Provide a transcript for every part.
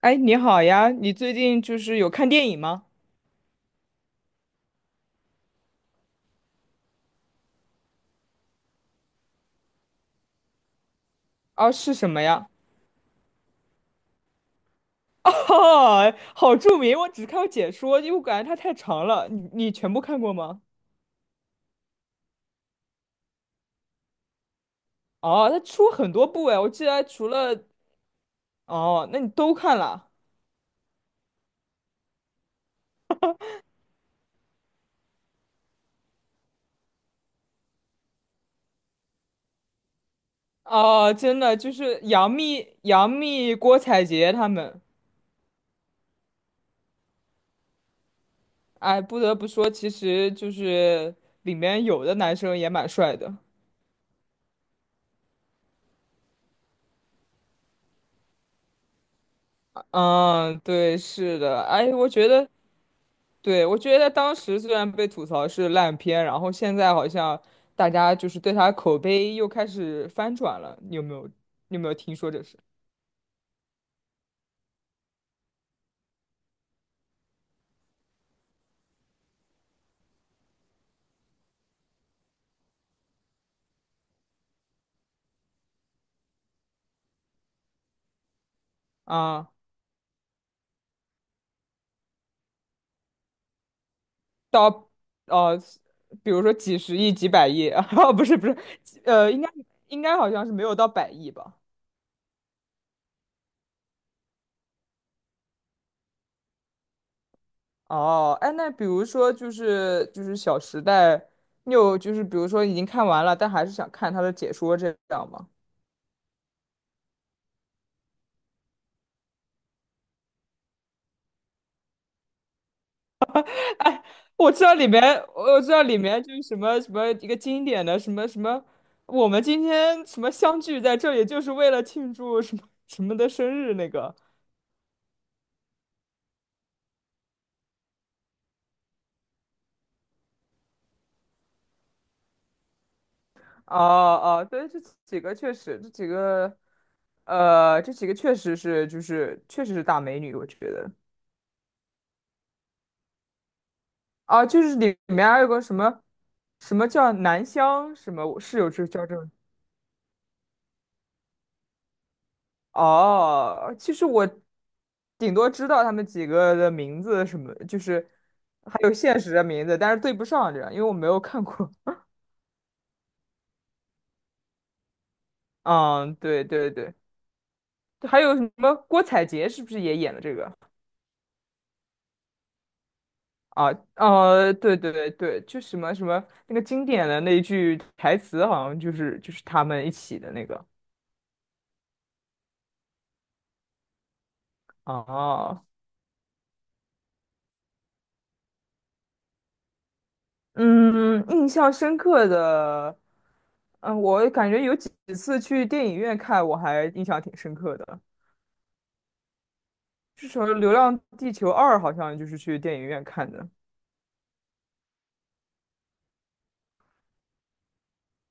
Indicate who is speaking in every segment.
Speaker 1: 哎，你好呀，你最近有看电影吗？啊，是什么呀？哦，好著名，我只看过解说，因为我感觉它太长了。你全部看过吗？哦，它出很多部哎，我记得除了哦，那你都看了？哦，真的就是杨幂、杨幂、郭采洁他们。哎，不得不说，其实就是里面有的男生也蛮帅的。嗯，对，是的。哎，我觉得对，我觉得当时虽然被吐槽是烂片，然后现在好像大家对他口碑又开始翻转了，你有没有听说这事啊？到呃，比如说几十亿、几百亿 啊，不是，呃，应该应该好像是没有到百亿吧？哦，哎，那比如说《小时代》，你有比如说已经看完了，但还是想看他的解说这样吗？我知道里面，我知道里面什么什么一个经典的什么什么，我们今天什么相聚在这里，就是为了庆祝什么什么的生日那个。哦哦，对，这几个，这几个确实是大美女，我觉得。啊，就是里面还有个什么什么叫南湘，什么我室友是叫这哦，其实我顶多知道他们几个的名字什么，就是还有现实的名字，但是对不上这样，因为我没有看过。嗯，对，还有什么郭采洁是不是也演了这个？啊，对，就什么什么那个经典的那一句台词，好像他们一起的那个。哦，嗯，印象深刻的，嗯，我感觉有几次去电影院看，我还印象挺深刻的。是什么《流浪地球二》，好像就是去电影院看的。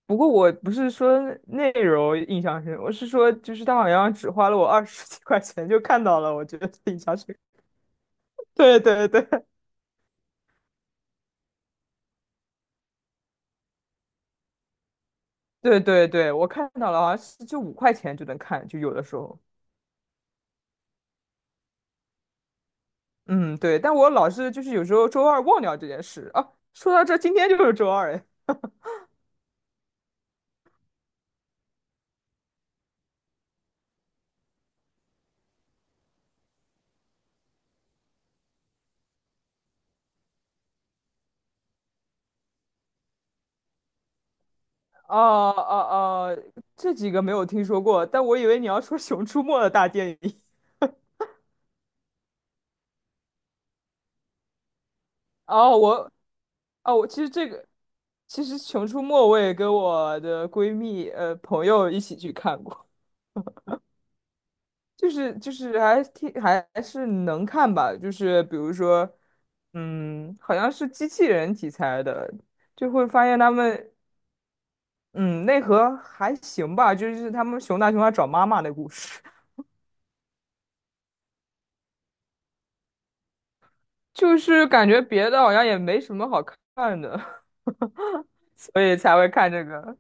Speaker 1: 不过我不是说内容印象深，我是说就是他好像只花了我二十几块钱就看到了，我觉得印象深刻。对对对对对对，我看到了，好像是就五块钱就能看，就有的时候。嗯，对，但我老是有时候周二忘掉这件事啊。说到这，今天就是周二哎。哦哦哦，这几个没有听说过，但我以为你要说《熊出没》的大电影。哦，我哦，我其实这个，其实《熊出没》我也跟我的闺蜜朋友一起去看过，还还是能看吧，就是比如说，嗯，好像是机器人题材的，就会发现他们嗯内核还行吧，就是他们熊大熊二找妈妈的故事。就是感觉别的好像也没什么好看的，所以才会看这个。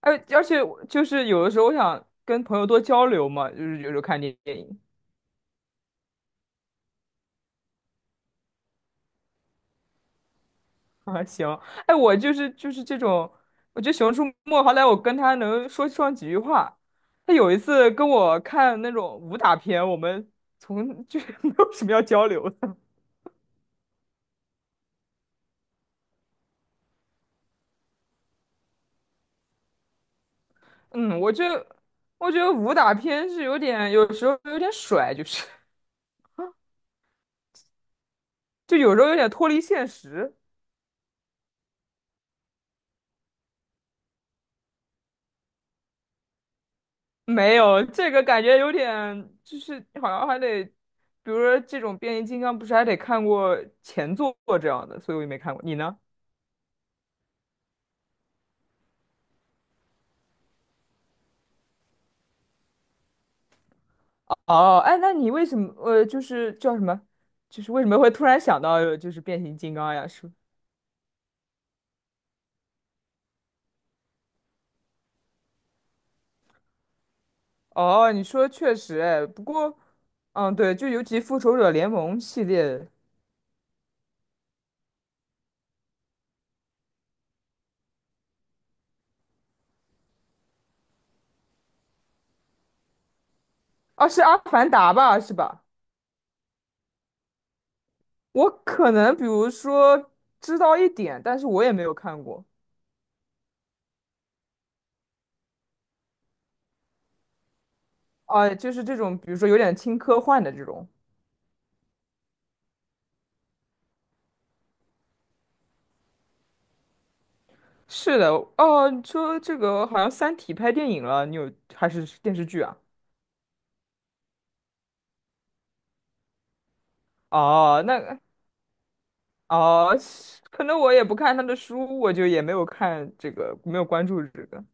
Speaker 1: 而且我有的时候我想跟朋友多交流嘛，就是有时候看电影 啊，行，哎，我这种，我觉得熊出没好歹我跟他能说上几句话。他有一次跟我看那种武打片，我们从 就是没有什么要交流的。嗯，我觉得武打片是有点有时候有点甩，就是 就有时候有点脱离现实。没有，这个感觉有点，就是好像还得，比如说这种变形金刚，不是还得看过前作这样的，所以我也没看过。你呢？哦，哎，那你为什么就是为什么会突然想到变形金刚呀？是哦，你说确实，哎，不过，嗯，对，就尤其复仇者联盟系列，啊，是阿凡达吧，是吧？我可能比如说知道一点，但是我也没有看过。啊，就是这种，比如说有点轻科幻的这种。是的，哦，你说这个好像《三体》拍电影了，你有还是电视剧啊？哦，那哦，可能我也不看他的书，我就也没有看这个，没有关注这个。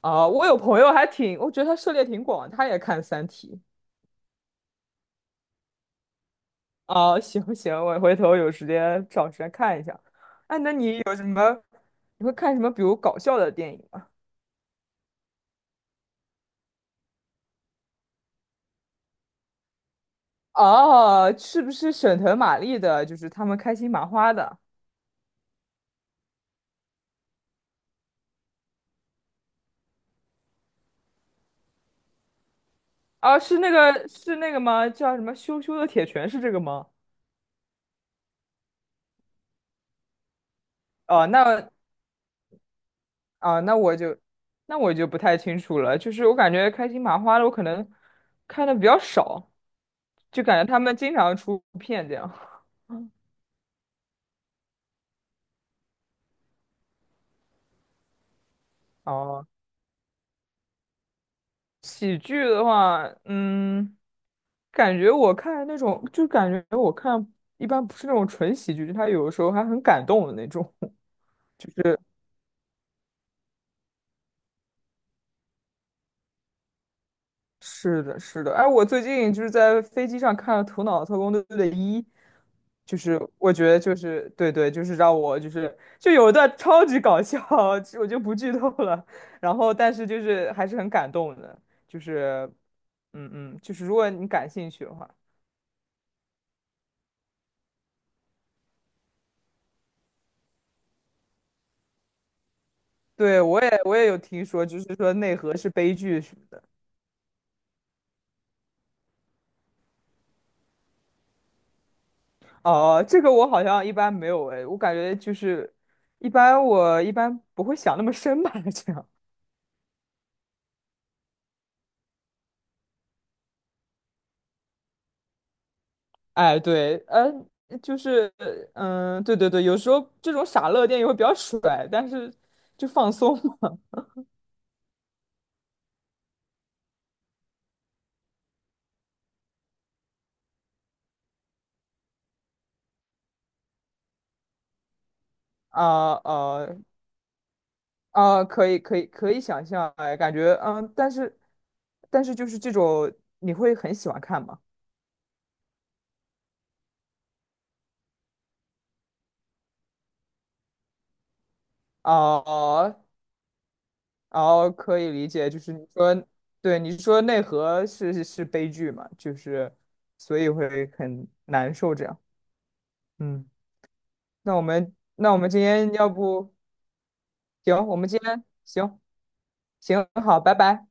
Speaker 1: 哦，我有朋友还挺，我觉得他涉猎挺广，他也看《三体》。哦，行，我回头有时间找时间看一下。哎，那你你会看什么？比如搞笑的电影吗？哦，是不是沈腾、马丽的？就是他们开心麻花的。啊，是那个吗？叫什么羞羞的铁拳是这个吗？哦，那啊，那我就不太清楚了。就是我感觉开心麻花的，我可能看的比较少，就感觉他们经常出片这样。哦，喜剧的话，嗯，感觉我看那种，就感觉我看一般不是那种纯喜剧，就他有的时候还很感动的那种。就是。是的，是的。哎，我最近在飞机上看了《头脑特工队》的一，就是我觉得就是对对，就是让我就是就有一段超级搞笑，我就不剧透了。然后，但是就是还是很感动的，就是嗯，如果你感兴趣的话，对我也有听说，就是说内核是悲剧什么的。哦，这个我好像一般没有哎，我感觉一般不会想那么深吧。这样。哎，对，就是，对，有时候这种傻乐电影会比较甩，但是就放松嘛。啊啊啊，可以想象，哎，感觉，嗯，但是这种你会很喜欢看吗？哦哦，可以理解，就是你说，对，你说内核是是悲剧嘛，就是所以会很难受这样，嗯，那我们今天要不。行，我们今天行行好，拜拜。